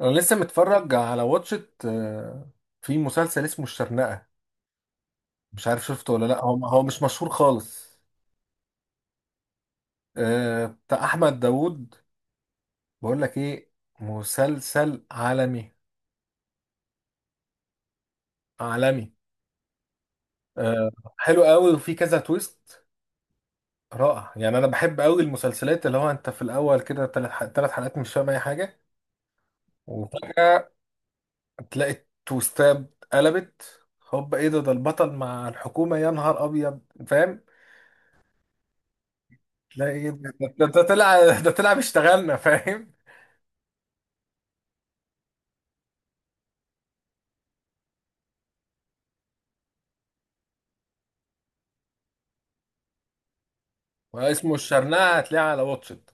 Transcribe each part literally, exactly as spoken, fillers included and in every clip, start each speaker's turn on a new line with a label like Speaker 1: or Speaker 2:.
Speaker 1: انا لسه متفرج على واتشت آه، في مسلسل اسمه الشرنقة. مش عارف شفته ولا لا، هو هو مش مشهور خالص. آه، بتاع احمد داوود. بقول لك ايه، مسلسل عالمي. عالمي. آه، حلو قوي وفي كذا تويست. رائع، يعني انا بحب قوي المسلسلات اللي هو انت في الاول كده ثلاث ثلاث حلقات مش فاهم اي حاجة. وفجأة تلاقي تويستات قلبت. هوب، ايه ده؟ ده البطل مع الحكومة، يا نهار ابيض! فاهم. لا، ايه ده ده ده طلع ده طلع اشتغلنا، فاهم. واسمه الشرنقة، هتلاقيه على واتشت.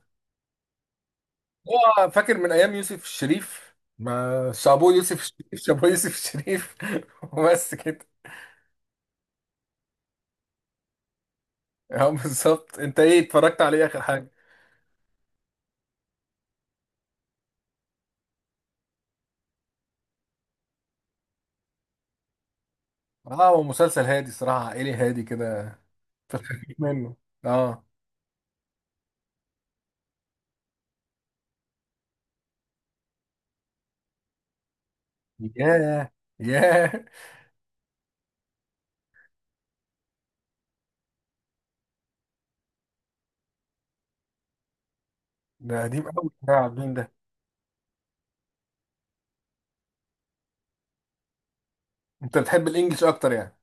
Speaker 1: هو فاكر من ايام يوسف الشريف ما شابوه يوسف الشريف شابوه يوسف الشريف. وبس كده. اه بالظبط، انت ايه اتفرجت عليه اخر حاجه؟ اه، هو مسلسل هادي صراحه، عائلي هادي كده. في الخفيف منه. اه. ياه. ياه. ده قديم قوي، يا عابدين ده. انت بتحب الانجليش اكتر يعني؟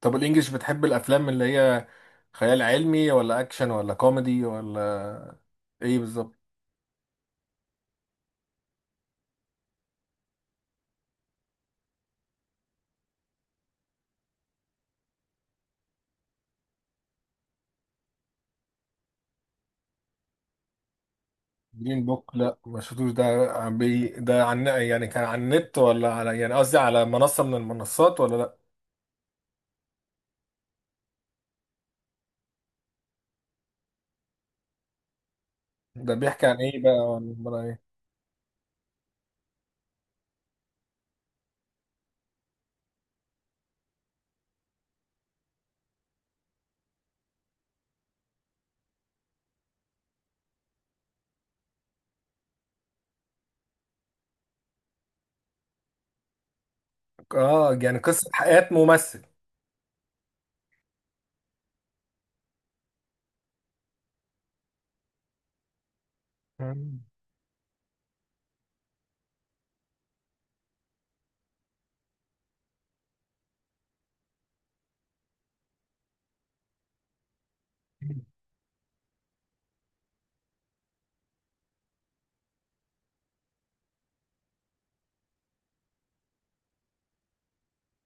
Speaker 1: طب الانجليش، بتحب الافلام اللي هي خيال علمي ولا اكشن ولا كوميدي ولا ايه بالظبط؟ جرين بوك؟ لا، ما شفتوش ده. عن بي ده، عن يعني كان على النت ولا على يعني قصدي، على منصة من المنصات ولا لا؟ ده بيحكي عن ايه بقى، ولا عبارة عن ايه؟ اه، يعني قصة حياة ممثل. مم.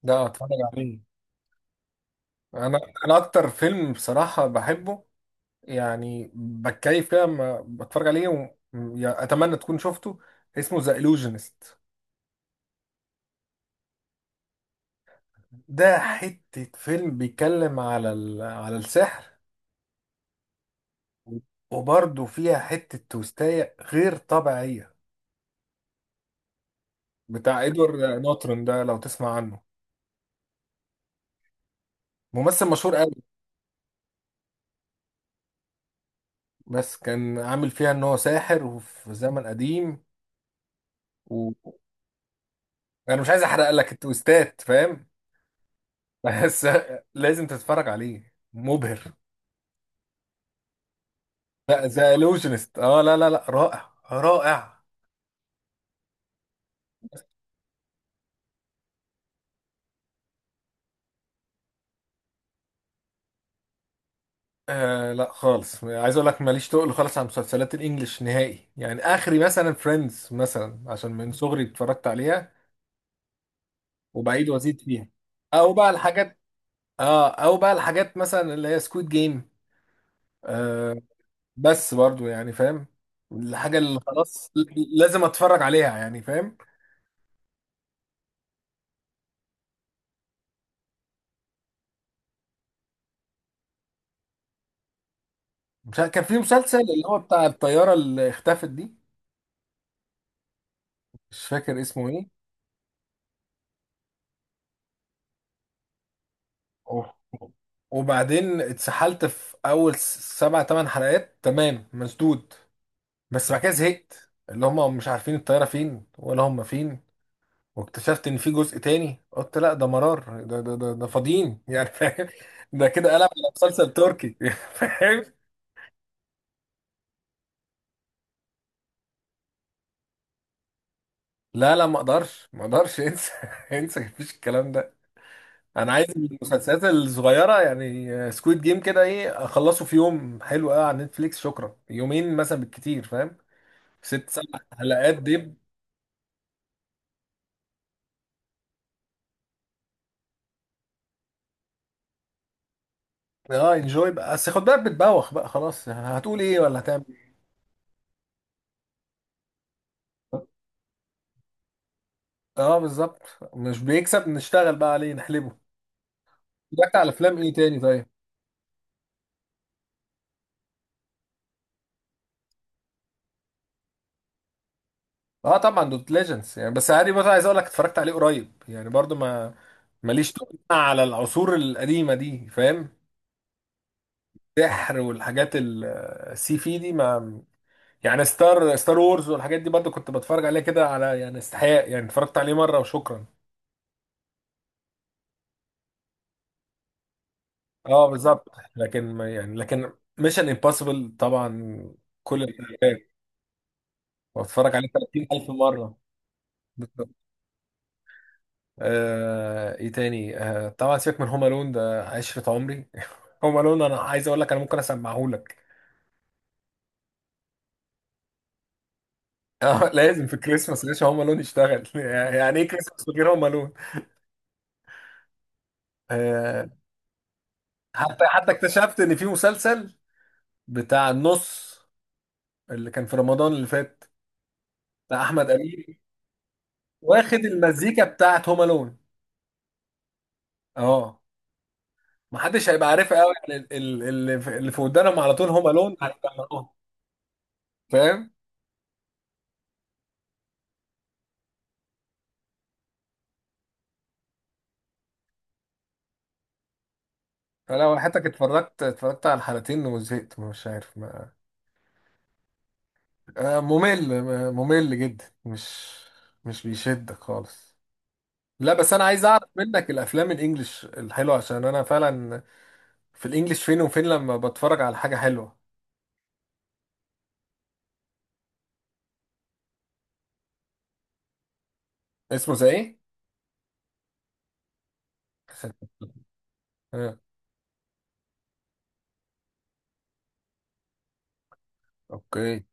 Speaker 1: ده اتفرج عليه. انا انا اكتر فيلم بصراحة بحبه. يعني بتكيف كده لما بتفرج عليه و... يعني اتمنى تكون شفته. اسمه ذا illusionist. ده حتة فيلم بيتكلم على ال... على السحر. وبرضه فيها حتة توستاية غير طبيعية. بتاع إدوارد نورتون، ده لو تسمع عنه. ممثل مشهور قوي. بس كان عامل فيها إن هو ساحر وفي زمن قديم. وأنا مش عايز أحرق لك التويستات، فاهم. بس لازم تتفرج عليه، مبهر. لا، ذا إلوجنست. اه، لا لا لا، رائع رائع. آه، لا خالص، عايز اقول لك ماليش تقل خالص على مسلسلات الانجليش نهائي، يعني اخري مثلا فريندز مثلا، عشان من صغري اتفرجت عليها. وبعيد وازيد فيها. او بقى الحاجات. اه، او بقى الحاجات مثلا اللي هي سكويد جيم. آه. بس برضو يعني، فاهم. الحاجة اللي خلاص ل- لازم اتفرج عليها، يعني فاهم. مش عارف- كان في مسلسل اللي هو بتاع الطيارة اللي اختفت دي. مش فاكر اسمه ايه. أوه. وبعدين اتسحلت في اول س- سبع ثمان حلقات، تمام مسدود. بس بعد كده زهقت، اللي هم مش عارفين الطياره فين ولا هم فين. واكتشفت ان في جزء تاني، قلت لا، ده مرار، ده ده ده, ده فاضيين، يعني فاهم. ده كده قلب على مسلسل تركي، فاهم. لا لا، ما اقدرش ما اقدرش انسى، انسى مفيش الكلام ده. انا عايز المسلسلات الصغيره، يعني سكويد جيم كده، ايه، اخلصه في يوم حلو قوي على نتفليكس، شكرا، يومين مثلا بالكتير، فاهم. ست سبع حلقات دب. اه انجوي بقى، بس خد بالك بتبوخ بقى خلاص، هتقول ايه ولا هتعمل. اه بالظبط، مش بيكسب نشتغل بقى عليه نحلبه. اتفرجت على افلام ايه تاني طيب؟ اه طبعا، دوت ليجندز يعني، بس هاري بوتر عايز اقول لك اتفرجت عليه قريب، يعني برضو ما، ماليش تقول على العصور القديمه دي، فاهم. سحر والحاجات ال- السي في دي ما، يعني ستار ستار وورز والحاجات دي برضو كنت بتفرج عليها كده، على يعني استحياء، يعني اتفرجت عليه مره وشكرا. اه بالظبط، لكن ما يعني لكن، ميشن امبوسيبل طبعا، كل الحلقات. واتفرج عليه ثلاثين الف مره. آه ايه تاني؟ آه طبعا، سيبك من هوم الون، ده عشرة عمري. هوم الون، انا عايز اقول لك انا ممكن اسمعه لك. آه، لازم في كريسماس ليش هوم الون يشتغل، يعني ايه كريسماس من غير هوم الون. آه. حتى حتى اكتشفت ان في مسلسل بتاع النص، اللي كان في رمضان اللي فات، بتاع احمد امين، واخد المزيكا بتاعت هوم الون. اه، محدش هيبقى عارفها قوي، يعني ال- ال- اللي في اللي في ودانهم على طول هوم الون هيسمعوها، فاهم. لو حياتك اتفرجت اتفرجت على الحلقتين وزهقت، مش عارف ما. آه، ممل ما- ممل جدا مش مش بيشدك خالص. لا، بس انا عايز اعرف منك الافلام الانجليش الحلوه، عشان انا فعلا، في الانجليش فين وفين لما بتفرج على حاجه حلوه. اسمه زي ايه؟ عشان- آه، اوكي.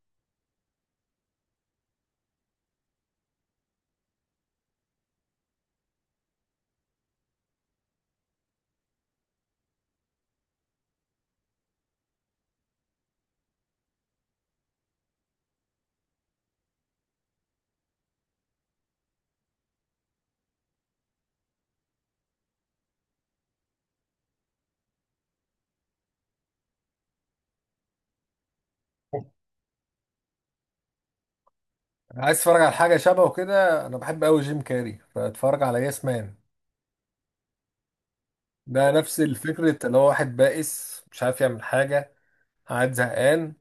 Speaker 1: عايز اتفرج على حاجه شبهه كده، انا بحب قوي جيم كاري فاتفرج على ياس مان. ده نفس الفكره، اللي هو واحد بائس مش عارف يعمل حاجه، قاعد زهقان.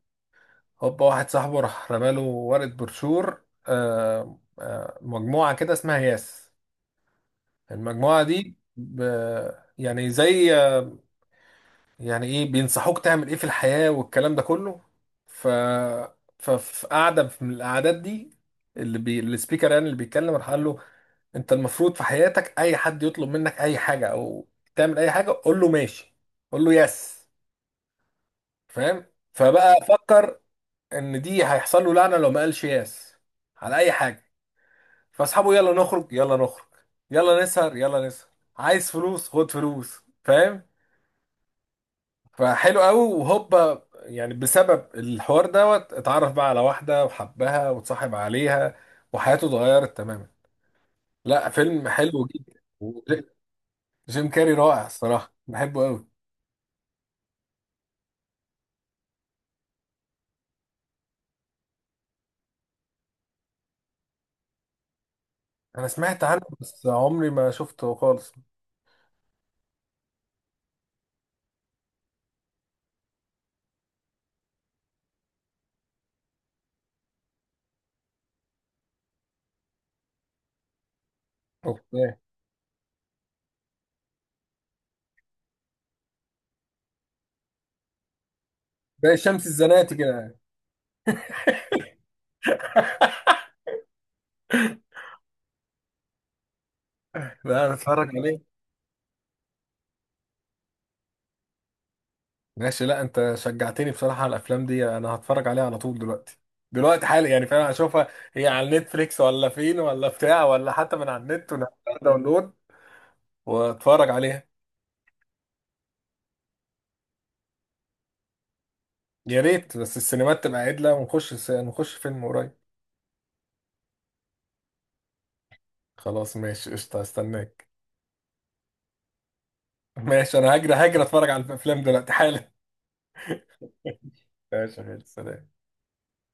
Speaker 1: هوبا، واحد صاحبه راح رماله ورقة بروشور، آه، آه، مجموعة كده اسمها ياس. المجموعة دي ب... يعني زي، يعني ايه، بينصحوك تعمل ايه في الحياة والكلام ده كله. ف ففي قعدة من القعدات دي، اللي بي... السبيكر يعني اللي بيتكلم راح قال له: انت المفروض في حياتك، اي حد يطلب منك اي حاجة او تعمل اي حاجة، قول له ماشي، قول له يس، فاهم. فبقى فكر ان دي هيحصل له لعنة لو ما قالش يس على اي حاجة. فاصحابه: يلا نخرج يلا نخرج، يلا نسهر يلا نسهر، عايز فلوس خد فلوس، فاهم. فحلو قوي، وهوبا يعني بسبب الحوار دوت اتعرف بقى على واحدة وحبها واتصاحب عليها، وحياته اتغيرت تماما. لا، فيلم حلو جدا. جيم كاري رائع، الصراحة بحبه قوي. انا سمعت عنه بس عمري ما شفته خالص. اوكي. زي شمس الزناتي كده يعني. لا، انا اتفرج عليه. ماشي، لا انت شجعتني بصراحة على الافلام دي، انا هتفرج عليها على طول دلوقتي، دلوقتي حالي يعني فعلا هشوفها. هي على نتفليكس ولا فين ولا بتاع، ولا حتى من على النت ونعملها داونلود؟ واتفرج عليها. يا ريت بس السينمات تبقى عدلة ونخش الس- نخش فيلم قريب. خلاص ماشي، قشطة استناك. ماشي، انا هجري هجري اتفرج على الافلام دلوقتي حالا. ماشي يا غالي، سلام.